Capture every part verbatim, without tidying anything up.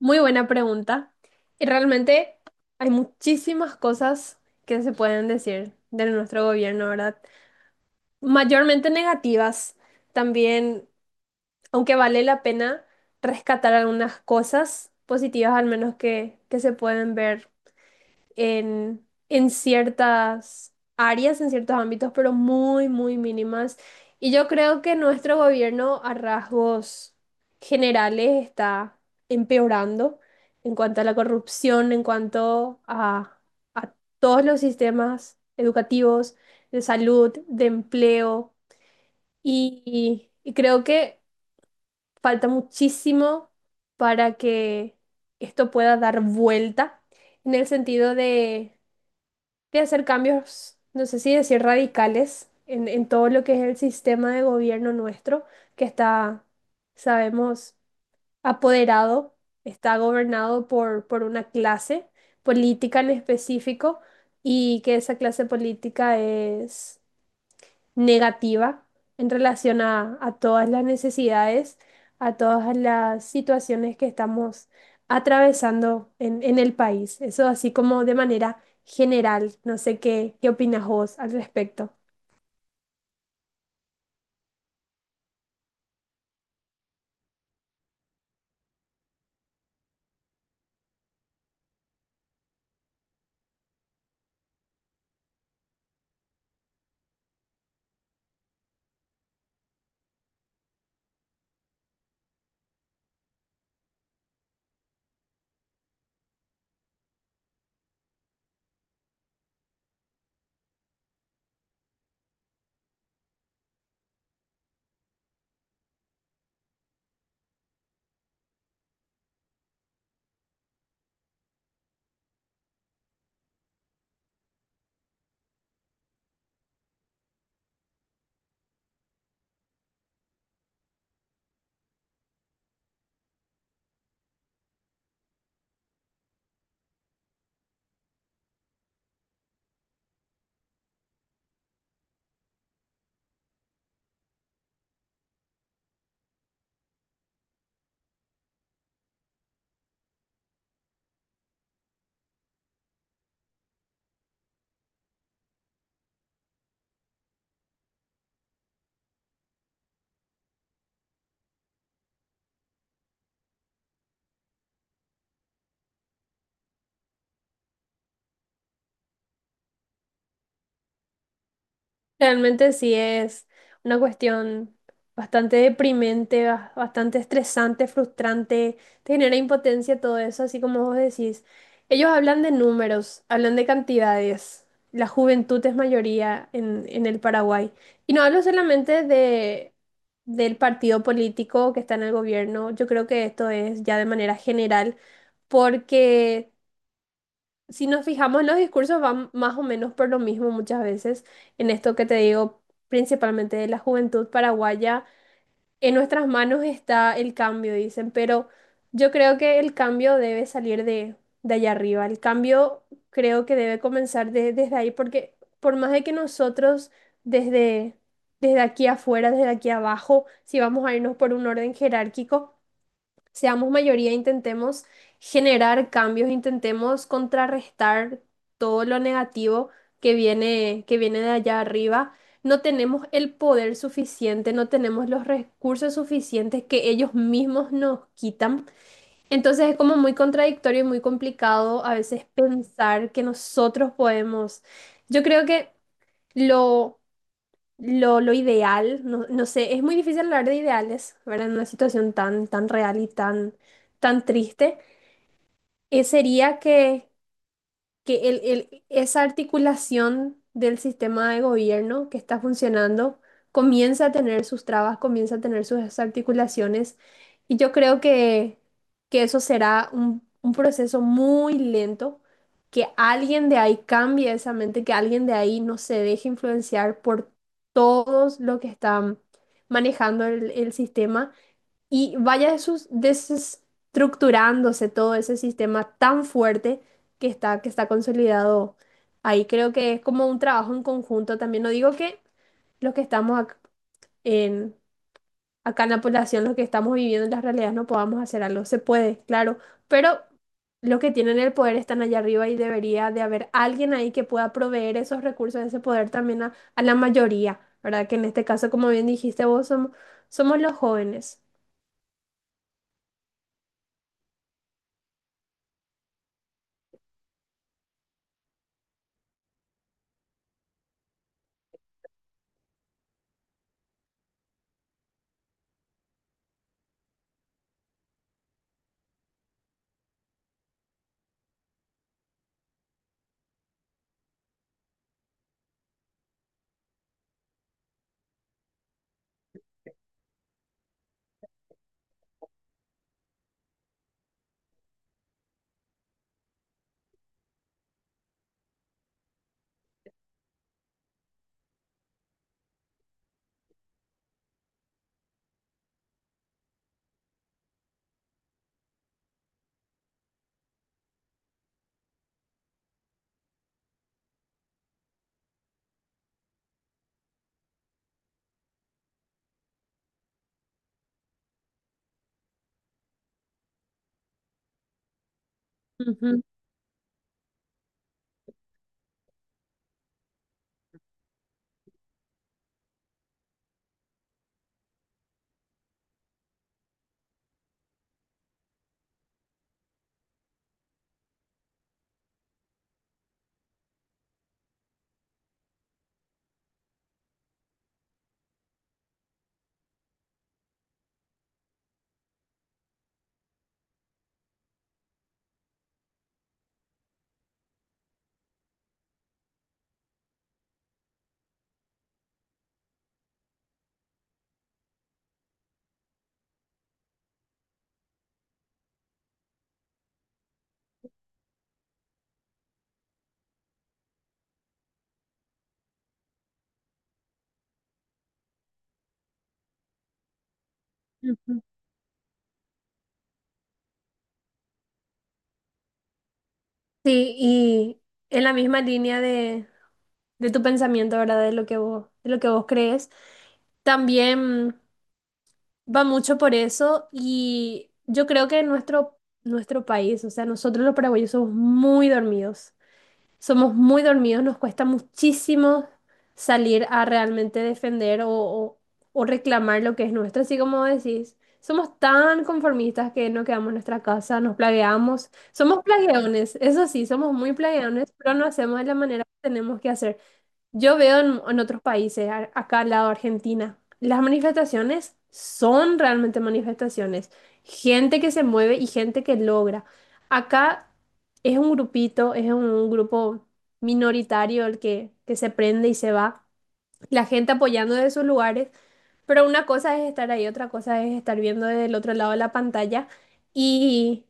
Muy buena pregunta. Y realmente hay muchísimas cosas que se pueden decir de nuestro gobierno, ¿verdad? Mayormente negativas. También, aunque vale la pena rescatar algunas cosas positivas, al menos que, que se pueden ver en, en ciertas áreas, en ciertos ámbitos, pero muy, muy mínimas. Y yo creo que nuestro gobierno a rasgos generales está empeorando en cuanto a la corrupción, en cuanto a, a todos los sistemas educativos, de salud, de empleo. Y, y creo que falta muchísimo para que esto pueda dar vuelta en el sentido de de hacer cambios, no sé si decir radicales, en, en todo lo que es el sistema de gobierno nuestro, que está, sabemos, apoderado, está gobernado por, por una clase política en específico y que esa clase política es negativa en relación a, a todas las necesidades, a todas las situaciones que estamos atravesando en, en el país. Eso así como de manera general. No sé qué, qué opinas vos al respecto. Realmente sí es una cuestión bastante deprimente, ba- bastante estresante, frustrante, te genera impotencia todo eso, así como vos decís. Ellos hablan de números, hablan de cantidades. La juventud es mayoría en, en el Paraguay. Y no hablo solamente de, del partido político que está en el gobierno, yo creo que esto es ya de manera general, porque... Si nos fijamos, los discursos van más o menos por lo mismo muchas veces, en esto que te digo, principalmente de la juventud paraguaya, en nuestras manos está el cambio, dicen, pero yo creo que el cambio debe salir de, de allá arriba, el cambio creo que debe comenzar de- desde ahí, porque por más de que nosotros desde, desde aquí afuera, desde aquí abajo, si vamos a irnos por un orden jerárquico, seamos mayoría, intentemos generar cambios, intentemos contrarrestar todo lo negativo que viene, que viene de allá arriba. No tenemos el poder suficiente, no tenemos los recursos suficientes que ellos mismos nos quitan. Entonces es como muy contradictorio y muy complicado a veces pensar que nosotros podemos. Yo creo que lo lo, lo ideal, no, no sé, es muy difícil hablar de ideales, ¿verdad? En una situación tan, tan real y tan, tan triste, eh, sería que, que el- el- esa articulación del sistema de gobierno que está funcionando comienza a tener sus trabas, comienza a tener sus desarticulaciones y yo creo que, que eso será un, un proceso muy lento, que alguien de ahí cambie esa mente, que alguien de ahí no se deje influenciar por todos los que están manejando el el sistema y vaya desus- desestructurándose todo ese sistema tan fuerte que está, que está consolidado ahí. Creo que es como un trabajo en conjunto también. No digo que los que estamos ac- en, acá en la población, los que estamos viviendo en las realidades, no podamos hacer algo. Se puede, claro, pero los que tienen el poder están allá arriba y debería de haber alguien ahí que pueda proveer esos recursos, ese poder también a, a la mayoría, ¿verdad? Que en este caso, como bien dijiste vos, somos, somos los jóvenes. Ujú, ujú. Sí, y en la misma línea de, de tu pensamiento, ¿verdad? De lo que vos, de lo que vos crees. También va mucho por eso y yo creo que nuestro, nuestro país, o sea, nosotros los paraguayos somos muy dormidos. Somos muy dormidos, nos cuesta muchísimo salir a realmente defender o, o- o reclamar lo que es nuestro. Así como decís, somos tan conformistas que no quedamos en nuestra casa, nos plagueamos. Somos plagueones, eso sí, somos muy plagueones, pero no hacemos de la manera que tenemos que hacer. Yo veo en, en otros países, a- acá al lado de Argentina, las manifestaciones son realmente manifestaciones. Gente que se mueve y gente que logra. Acá es un grupito, es un grupo minoritario el que, que se prende y se va. La gente apoyando desde sus lugares, pero una cosa es estar ahí, otra cosa es estar viendo desde el otro lado de la pantalla y,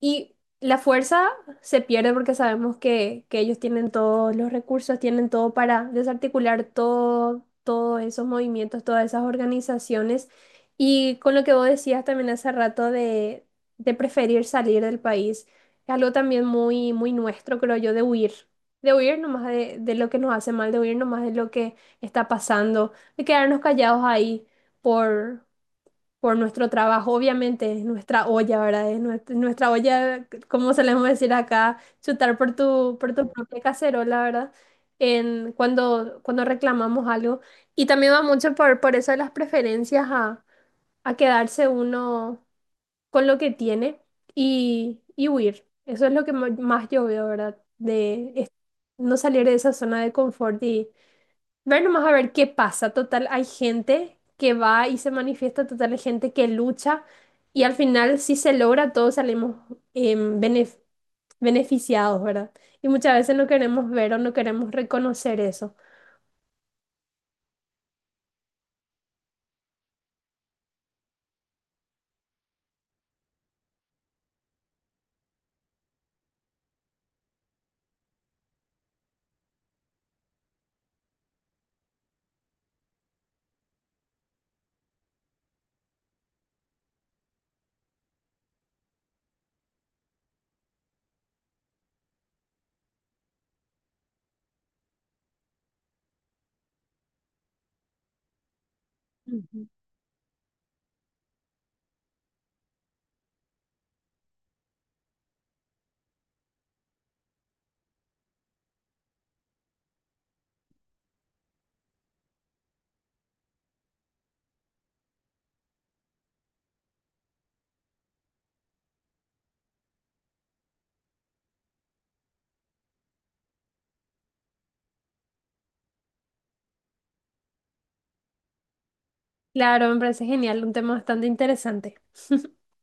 y la fuerza se pierde porque sabemos que, que ellos tienen todos los recursos, tienen todo para desarticular todo, todos esos movimientos, todas esas organizaciones. Y con lo que vos decías también hace rato de, de preferir salir del país, es algo también muy, muy nuestro, creo yo, de huir, de huir nomás de, de lo que nos hace mal, de huir nomás de lo que está pasando de quedarnos callados ahí por, por nuestro trabajo. Obviamente es nuestra olla, ¿verdad? Es nuestra, nuestra olla, como solemos decir acá, chutar por tu, por tu propia cacerola, ¿verdad? En, cuando, cuando reclamamos algo. Y también va mucho por, por eso de las preferencias a, a quedarse uno con lo que tiene y, y huir. Eso es lo que ma- más yo veo, ¿verdad? De es- no salir de esa zona de confort. Ver nomás a ver qué pasa. Total, hay gente que va y se manifiesta, total, hay gente que lucha y al final si se logra todos salimos em, benef- beneficiados, ¿verdad? Y muchas veces no queremos ver o no queremos reconocer eso. Ujú. Claro, me parece genial, un tema bastante interesante.